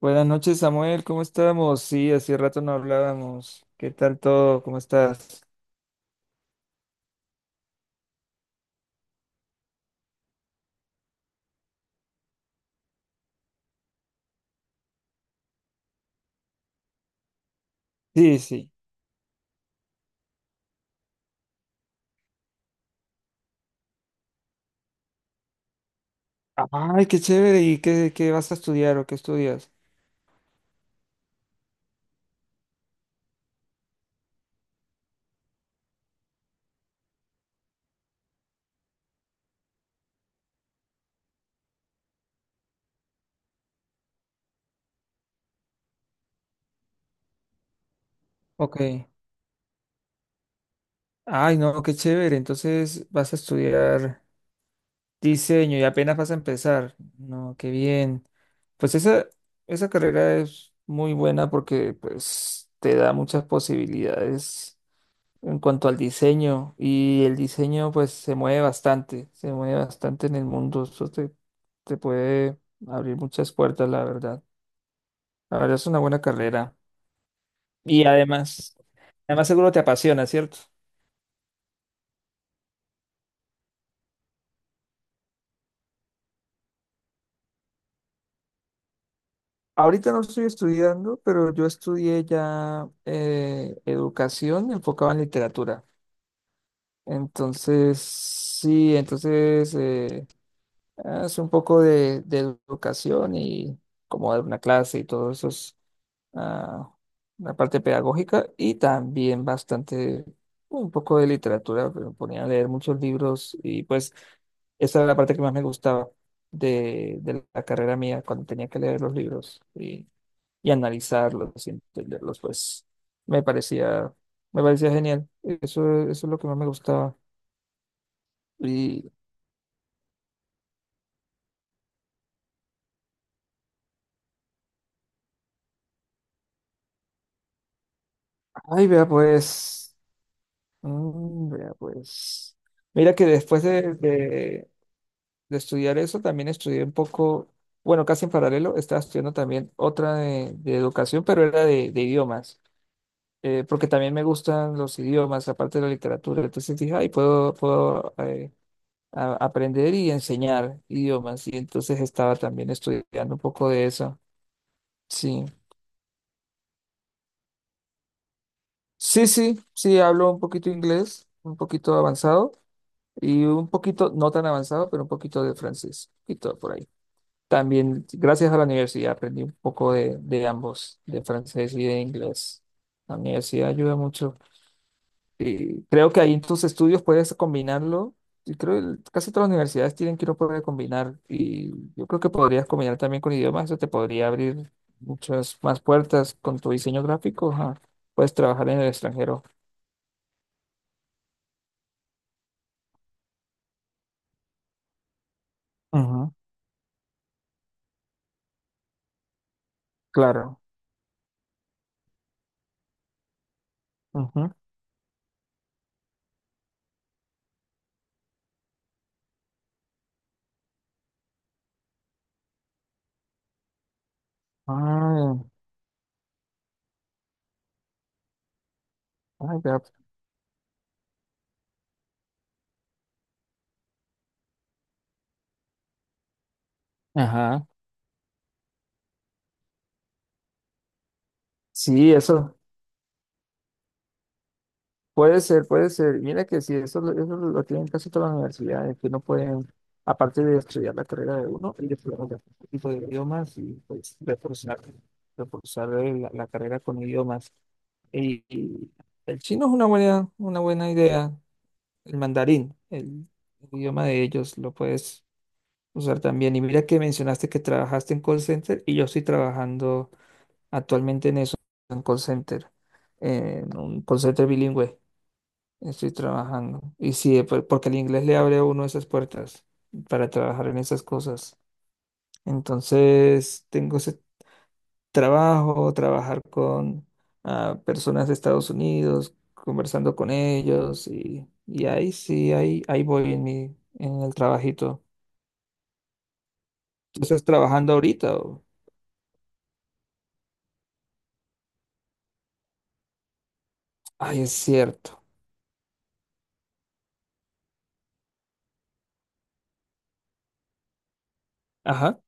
Buenas noches, Samuel. ¿Cómo estamos? Sí, hace rato no hablábamos. ¿Qué tal todo? ¿Cómo estás? Sí, sí. Ay, qué chévere. ¿Y qué vas a estudiar o qué estudias? Ok. Ay, no, qué chévere. Entonces vas a estudiar diseño y apenas vas a empezar. No, qué bien. Pues esa, esa carrera es muy buena porque pues te da muchas posibilidades en cuanto al diseño. Y el diseño, pues, se mueve bastante en el mundo. Te puede abrir muchas puertas, la verdad. La verdad es una buena carrera. Y además, además seguro te apasiona, ¿cierto? Ahorita no estoy estudiando, pero yo estudié ya educación enfocada en literatura. Entonces, sí, hace un poco de educación y como dar una clase y todo eso es ah, la parte pedagógica y también bastante, un poco de literatura, pero me ponía a leer muchos libros y pues esa era la parte que más me gustaba de la carrera mía cuando tenía que leer los libros y analizarlos y entenderlos, pues me parecía, me parecía genial. Eso es lo que más me gustaba. Y, ay, vea, pues. Mm, vea, pues. Mira que de estudiar eso, también estudié un poco, bueno, casi en paralelo, estaba estudiando también otra de educación, pero era de idiomas, porque también me gustan los idiomas, aparte de la literatura. Entonces dije, ay, aprender y enseñar idiomas. Y entonces estaba también estudiando un poco de eso. Sí, sí, sí, sí, hablo un poquito inglés, un poquito avanzado. Y un poquito, no tan avanzado, pero un poquito de francés, y todo por ahí. También, gracias a la universidad, aprendí un poco de ambos, de francés y de inglés. La universidad ayuda mucho. Y creo que ahí en tus estudios puedes combinarlo. Y creo que casi todas las universidades tienen que uno poder combinar. Y yo creo que podrías combinar también con idiomas. Eso te podría abrir muchas más puertas con tu diseño gráfico. Ajá. Puedes trabajar en el extranjero. Ujú. Claro. Ujú. Ay, ay, vea. Ajá. Sí, eso puede ser, puede ser. Mira que sí, eso lo tienen casi todas las universidades, que no pueden, aparte de estudiar la carrera de uno, y de otro tipo de idiomas y pues reforzar la carrera con idiomas. Y el chino es una buena idea, el mandarín, el idioma de ellos, lo puedes usar también. Y mira que mencionaste que trabajaste en call center y yo estoy trabajando actualmente en eso, en call center, en un call center bilingüe. Estoy trabajando. Y sí, porque el inglés le abre a uno esas puertas para trabajar en esas cosas. Entonces, tengo ese trabajo, trabajar con personas de Estados Unidos, conversando con ellos y ahí sí, ahí voy en en el trabajito. ¿Tú estás trabajando ahorita? ¿O? Ay, es cierto. Ajá.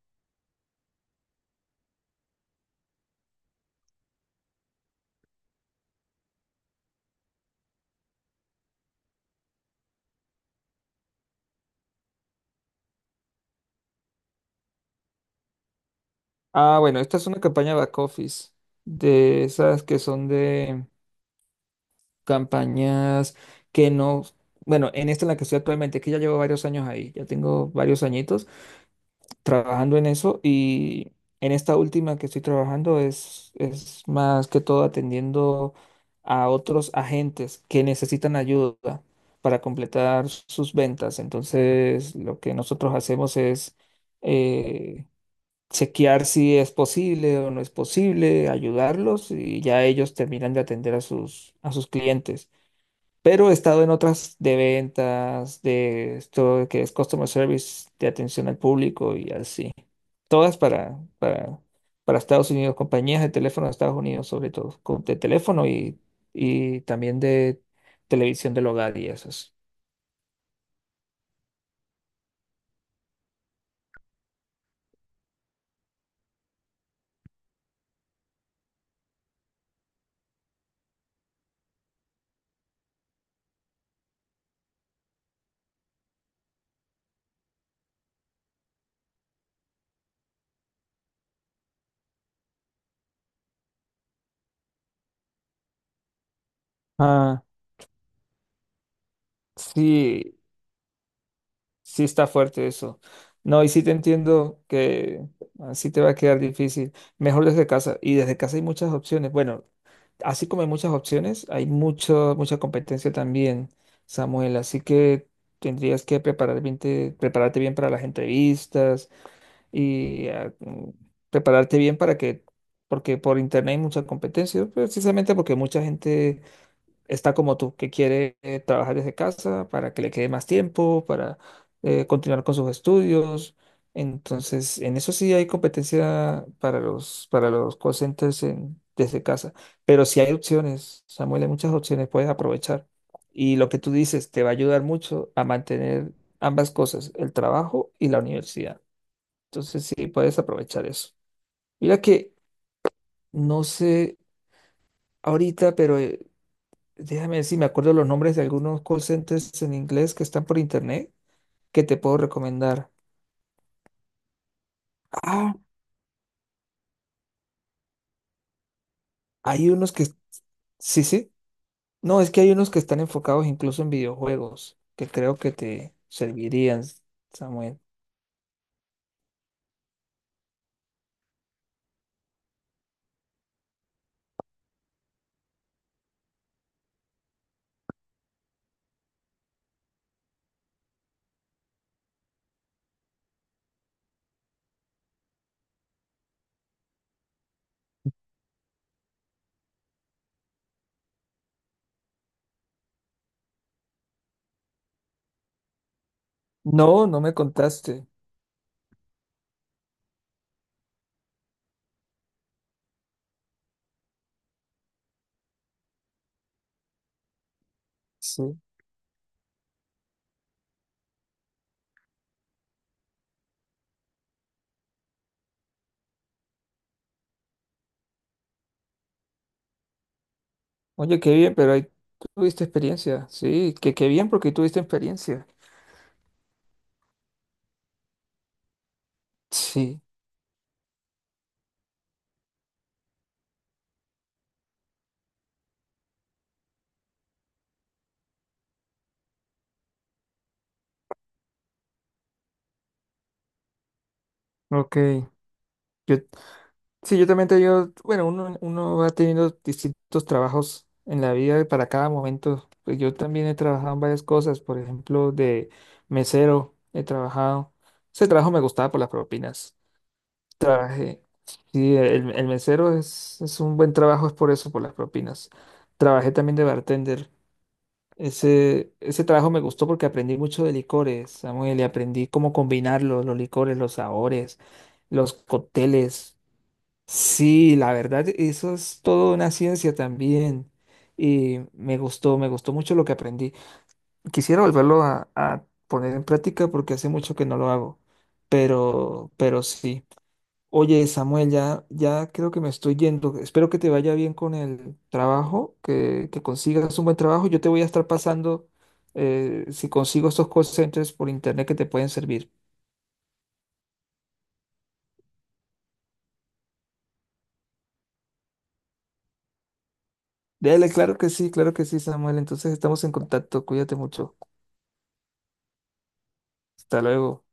Ah, bueno, esta es una campaña back office de esas que son de campañas que no, bueno, en esta en la que estoy actualmente, que ya llevo varios años ahí, ya tengo varios añitos trabajando en eso y en esta última que estoy trabajando es más que todo atendiendo a otros agentes que necesitan ayuda para completar sus ventas. Entonces, lo que nosotros hacemos es... eh, chequear si es posible o no es posible, ayudarlos y ya ellos terminan de atender a a sus clientes. Pero he estado en otras de ventas, de esto que es customer service, de atención al público y así. Todas para Estados Unidos, compañías de teléfono de Estados Unidos, sobre todo, de teléfono y también de televisión del hogar y esas. Ah, sí. Sí está fuerte eso. No, y sí te entiendo que así te va a quedar difícil. Mejor desde casa. Y desde casa hay muchas opciones. Bueno, así como hay muchas opciones, hay mucha competencia también, Samuel. Así que tendrías que prepararte bien para las entrevistas y prepararte bien para que, porque por internet hay mucha competencia, precisamente porque mucha gente está como tú, que quiere trabajar desde casa para que le quede más tiempo, para continuar con sus estudios. Entonces, en eso sí hay competencia para para los call centers desde casa. Pero sí hay opciones, Samuel, hay muchas opciones, puedes aprovechar. Y lo que tú dices te va a ayudar mucho a mantener ambas cosas, el trabajo y la universidad. Entonces, sí, puedes aprovechar eso. Mira que no sé ahorita, pero déjame ver si me acuerdo los nombres de algunos call centers en inglés que están por internet que te puedo recomendar. Ah, hay unos que... Sí, sí. No, es que hay unos que están enfocados incluso en videojuegos, que creo que te servirían, Samuel. No, no me contaste. Sí. Oye, qué bien, pero ahí tuviste experiencia. Sí, que qué bien porque tuviste experiencia. Sí, ok. Yo, sí, yo también te digo, bueno, uno va teniendo distintos trabajos en la vida y para cada momento. Pues yo también he trabajado en varias cosas, por ejemplo, de mesero he trabajado. Ese trabajo me gustaba por las propinas. Trabajé, sí, el mesero es un buen trabajo, es por eso, por las propinas. Trabajé también de bartender. Ese trabajo me gustó porque aprendí mucho de licores, Samuel, y aprendí cómo combinar los licores, los sabores, los cócteles. Sí, la verdad, eso es toda una ciencia también. Y me gustó mucho lo que aprendí. Quisiera volverlo a poner en práctica porque hace mucho que no lo hago. Pero sí. Oye, Samuel, ya, ya creo que me estoy yendo. Espero que te vaya bien con el trabajo, que consigas un buen trabajo. Yo te voy a estar pasando si consigo estos call centers por internet que te pueden servir. Dale, claro que sí, Samuel. Entonces estamos en contacto. Cuídate mucho. Hasta luego.